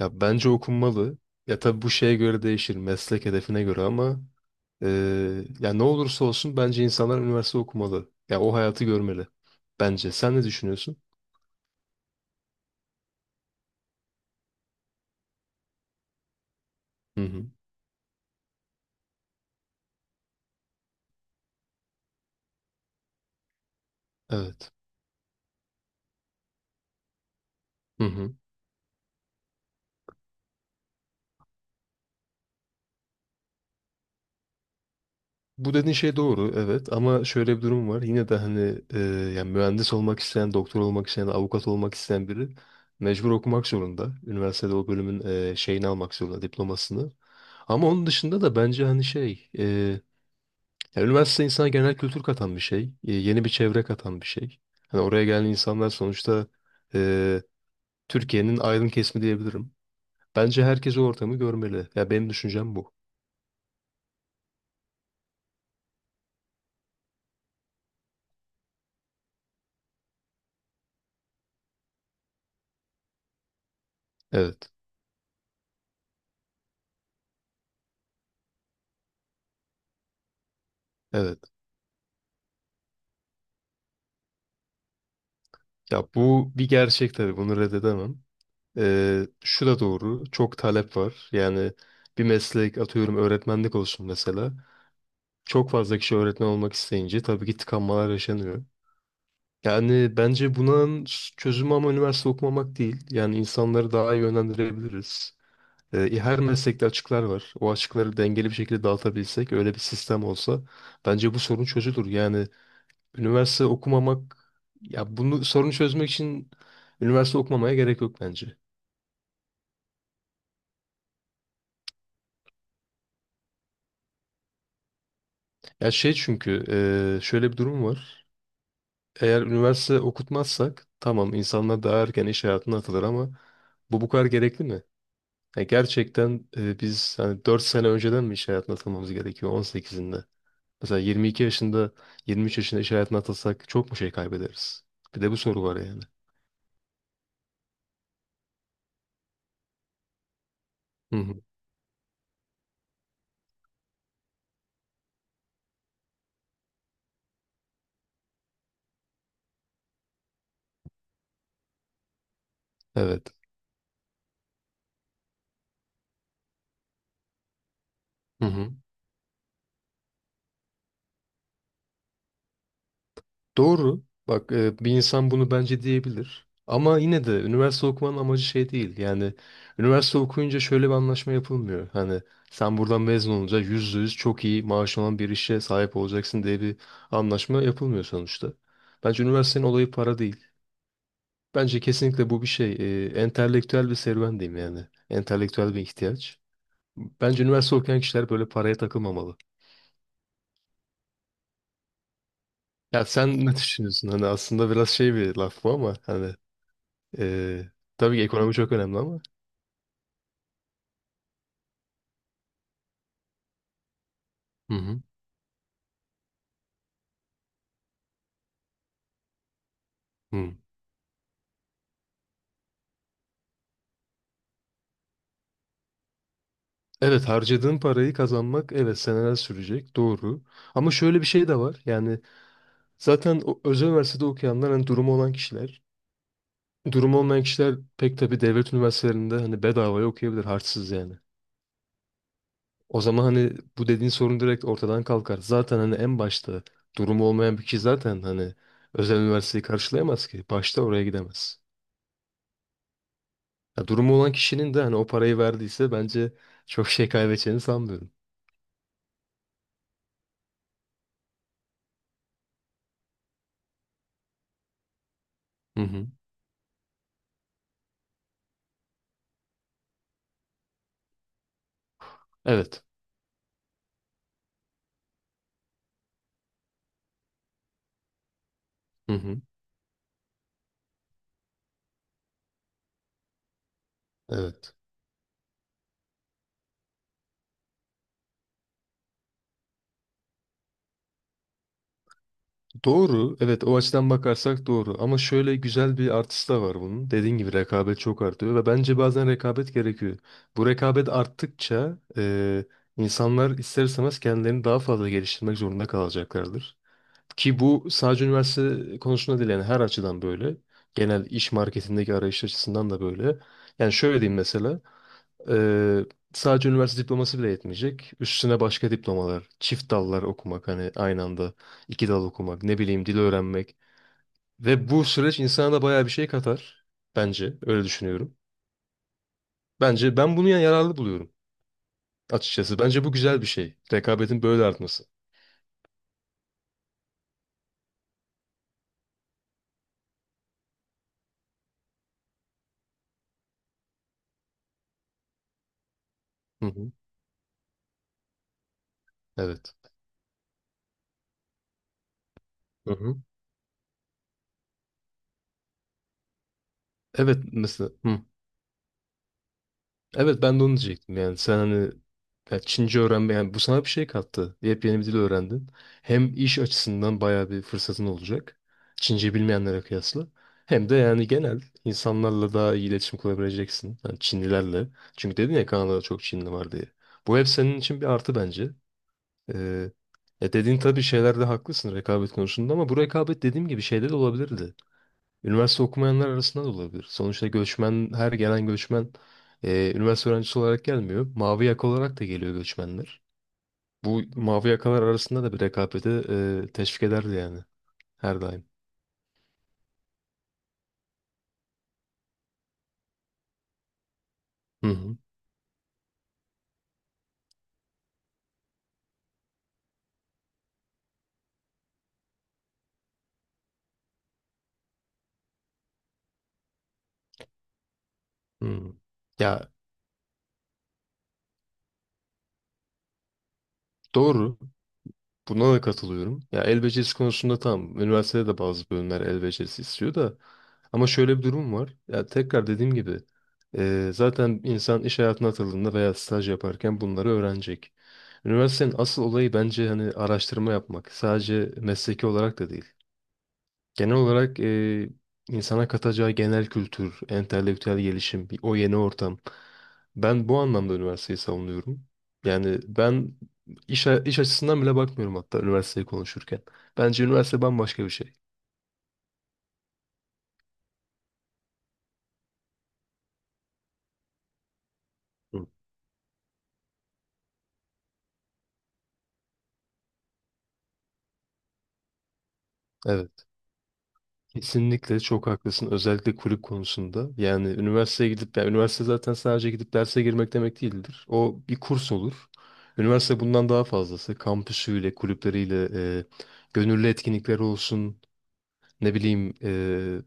Ya bence okunmalı. Ya tabii bu şeye göre değişir, meslek hedefine göre ama ya ne olursa olsun bence insanlar üniversite okumalı. Ya o hayatı görmeli. Bence. Sen ne düşünüyorsun? Hı hı. Evet. Hı hı. Bu dediğin şey doğru, evet. Ama şöyle bir durum var. Yine de hani yani mühendis olmak isteyen, doktor olmak isteyen, avukat olmak isteyen biri mecbur okumak zorunda. Üniversitede o bölümün şeyini almak zorunda, diplomasını. Ama onun dışında da bence hani şey, ya üniversite insana genel kültür katan bir şey. Yeni bir çevre katan bir şey. Hani oraya gelen insanlar sonuçta e, Türkiye'nin aydın kesimi diyebilirim. Bence herkes o ortamı görmeli. Ya benim düşüncem bu. Evet. Evet. Ya bu bir gerçek tabii. Bunu reddedemem. E, şu da doğru. Çok talep var. Yani bir meslek atıyorum öğretmenlik olsun mesela. Çok fazla kişi öğretmen olmak isteyince tabii ki tıkanmalar yaşanıyor. Yani bence bunun çözümü ama üniversite okumamak değil. Yani insanları daha iyi yönlendirebiliriz. Her meslekte açıklar var. O açıkları dengeli bir şekilde dağıtabilsek, öyle bir sistem olsa bence bu sorun çözülür. Yani üniversite okumamak, ya bunu sorunu çözmek için üniversite okumamaya gerek yok bence. Ya şey çünkü şöyle bir durum var. Eğer üniversite okutmazsak tamam insanlar daha erken iş hayatına atılır ama bu kadar gerekli mi? Ya gerçekten biz hani 4 sene önceden mi iş hayatına atılmamız gerekiyor 18'inde, mesela 22 yaşında, 23 yaşında iş hayatına atılsak çok mu şey kaybederiz? Bir de bu soru var yani. Hı hı. Evet. Hı hı. Doğru. Bak e, bir insan bunu bence diyebilir. Ama yine de üniversite okumanın amacı şey değil. Yani üniversite okuyunca şöyle bir anlaşma yapılmıyor. Hani sen buradan mezun olunca %100 çok iyi maaş olan bir işe sahip olacaksın diye bir anlaşma yapılmıyor sonuçta. Bence üniversitenin olayı para değil. Bence kesinlikle bu bir şey. Entelektüel bir serüven diyeyim yani. Entelektüel bir ihtiyaç. Bence üniversite okuyan kişiler böyle paraya takılmamalı. Ya sen ne düşünüyorsun? Hani aslında biraz şey bir laf bu ama hani e, tabii ki ekonomi çok önemli ama. Hı hı. Hı. Evet harcadığın parayı kazanmak evet seneler sürecek doğru. Ama şöyle bir şey de var. Yani zaten o, özel üniversitede okuyanlar hani durumu olan kişiler. Durumu olmayan kişiler pek tabii devlet üniversitelerinde hani bedavaya okuyabilir harçsız yani. O zaman hani bu dediğin sorun direkt ortadan kalkar. Zaten hani en başta durumu olmayan bir kişi zaten hani özel üniversiteyi karşılayamaz ki. Başta oraya gidemez. Ya durumu olan kişinin de hani o parayı verdiyse bence çok şey kaybedeceğini sanmıyorum. Hı hı. Evet. Hı hı. Evet. Doğru. Evet o açıdan bakarsak doğru. Ama şöyle güzel bir artısı da var bunun. Dediğin gibi rekabet çok artıyor ve bence bazen rekabet gerekiyor. Bu rekabet arttıkça insanlar ister istemez kendilerini daha fazla geliştirmek zorunda kalacaklardır. Ki bu sadece üniversite konusunda değil yani her açıdan böyle. Genel iş marketindeki arayış açısından da böyle. Yani şöyle diyeyim mesela. Ee, Sadece üniversite diploması bile yetmeyecek. Üstüne başka diplomalar, çift dallar okumak hani aynı anda iki dal okumak, ne bileyim dil öğrenmek. Ve bu süreç insana da bayağı bir şey katar. Bence öyle düşünüyorum. Bence ben bunu yararlı buluyorum açıkçası. Bence bu güzel bir şey. Rekabetin böyle artması. Hı hı. Evet. Hı hı. Evet mesela. Hı. Evet ben de onu diyecektim yani sen hani ya Çince öğrenme yani bu sana bir şey kattı. Yepyeni bir dil öğrendin. Hem iş açısından bayağı bir fırsatın olacak. Çince bilmeyenlere kıyasla. Hem de yani genel insanlarla daha iyi iletişim kurabileceksin. Yani Çinlilerle. Çünkü dedin ya Kanada'da çok Çinli var diye. Bu hep senin için bir artı bence. Ee, dediğin tabii şeylerde haklısın rekabet konusunda ama bu rekabet dediğim gibi şeyde de olabilirdi. Üniversite okumayanlar arasında da olabilir. Sonuçta göçmen, her gelen göçmen üniversite öğrencisi olarak gelmiyor. Mavi yaka olarak da geliyor göçmenler. Bu mavi yakalar arasında da bir rekabeti teşvik ederdi yani her daim. Hı hı. Hı. Ya doğru. Buna da katılıyorum. Ya el becerisi konusunda tamam. Üniversitede de bazı bölümler el becerisi istiyor da. Ama şöyle bir durum var. Ya tekrar dediğim gibi zaten insan iş hayatına atıldığında veya staj yaparken bunları öğrenecek. Üniversitenin asıl olayı bence hani araştırma yapmak. Sadece mesleki olarak da değil. Genel olarak insana katacağı genel kültür, entelektüel gelişim, o yeni ortam. Ben bu anlamda üniversiteyi savunuyorum. Yani ben iş açısından bile bakmıyorum hatta üniversiteyi konuşurken. Bence üniversite bambaşka bir şey. Hı. Evet, kesinlikle çok haklısın. Özellikle kulüp konusunda. Yani üniversiteye gidip, yani üniversite zaten sadece gidip derse girmek demek değildir. O bir kurs olur. Üniversite bundan daha fazlası. Kampüsüyle, kulüpleriyle, e, gönüllü etkinlikleri olsun. Ne bileyim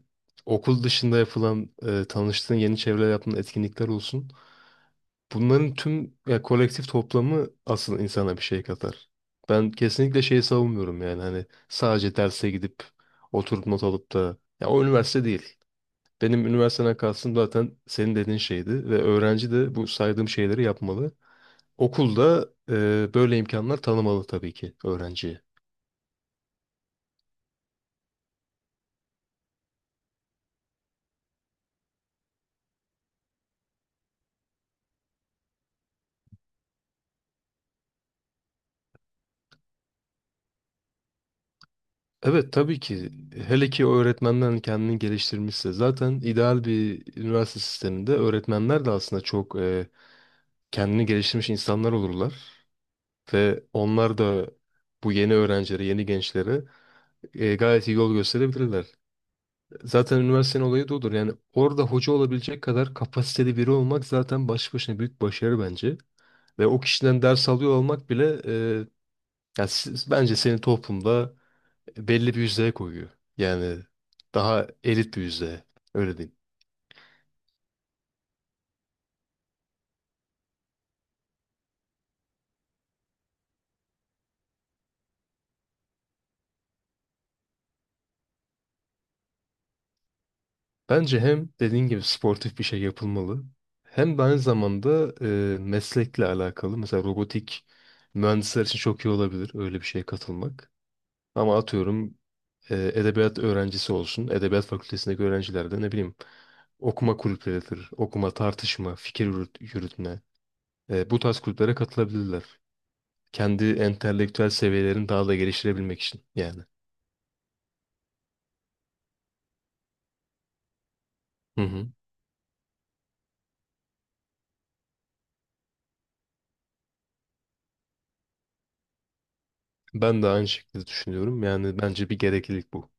okul dışında yapılan tanıştığın yeni çevreler yaptığın etkinlikler olsun. Bunların tüm ya, kolektif toplamı asıl insana bir şey katar. Ben kesinlikle şeyi savunmuyorum yani hani sadece derse gidip oturup not alıp da ya o üniversite değil. Benim üniversiteden kastım zaten senin dediğin şeydi ve öğrenci de bu saydığım şeyleri yapmalı. Okulda böyle imkanlar tanımalı tabii ki öğrenciye. Evet tabii ki hele ki o kendini geliştirmişse zaten ideal bir üniversite sisteminde öğretmenler de aslında çok kendini geliştirmiş insanlar olurlar ve onlar da bu yeni öğrencilere, yeni gençlere gayet iyi yol gösterebilirler. Zaten üniversitenin olayı da odur. Yani orada hoca olabilecek kadar kapasiteli biri olmak zaten başlı başına büyük başarı bence. Ve o kişiden ders alıyor olmak bile yani bence senin toplumda belli bir yüzdeye koyuyor. Yani daha elit bir yüzdeye. Öyle diyeyim. Bence hem dediğin gibi sportif bir şey yapılmalı hem de aynı zamanda meslekle alakalı mesela robotik mühendisler için çok iyi olabilir öyle bir şeye katılmak. Ama atıyorum edebiyat öğrencisi olsun, edebiyat fakültesindeki öğrenciler de ne bileyim okuma kulüpleridir, okuma, tartışma, yürütme. Bu tarz kulüplere katılabilirler. Kendi entelektüel seviyelerini daha da geliştirebilmek için yani. Hı hı. Ben de aynı şekilde düşünüyorum. Yani bence bir gereklilik bu.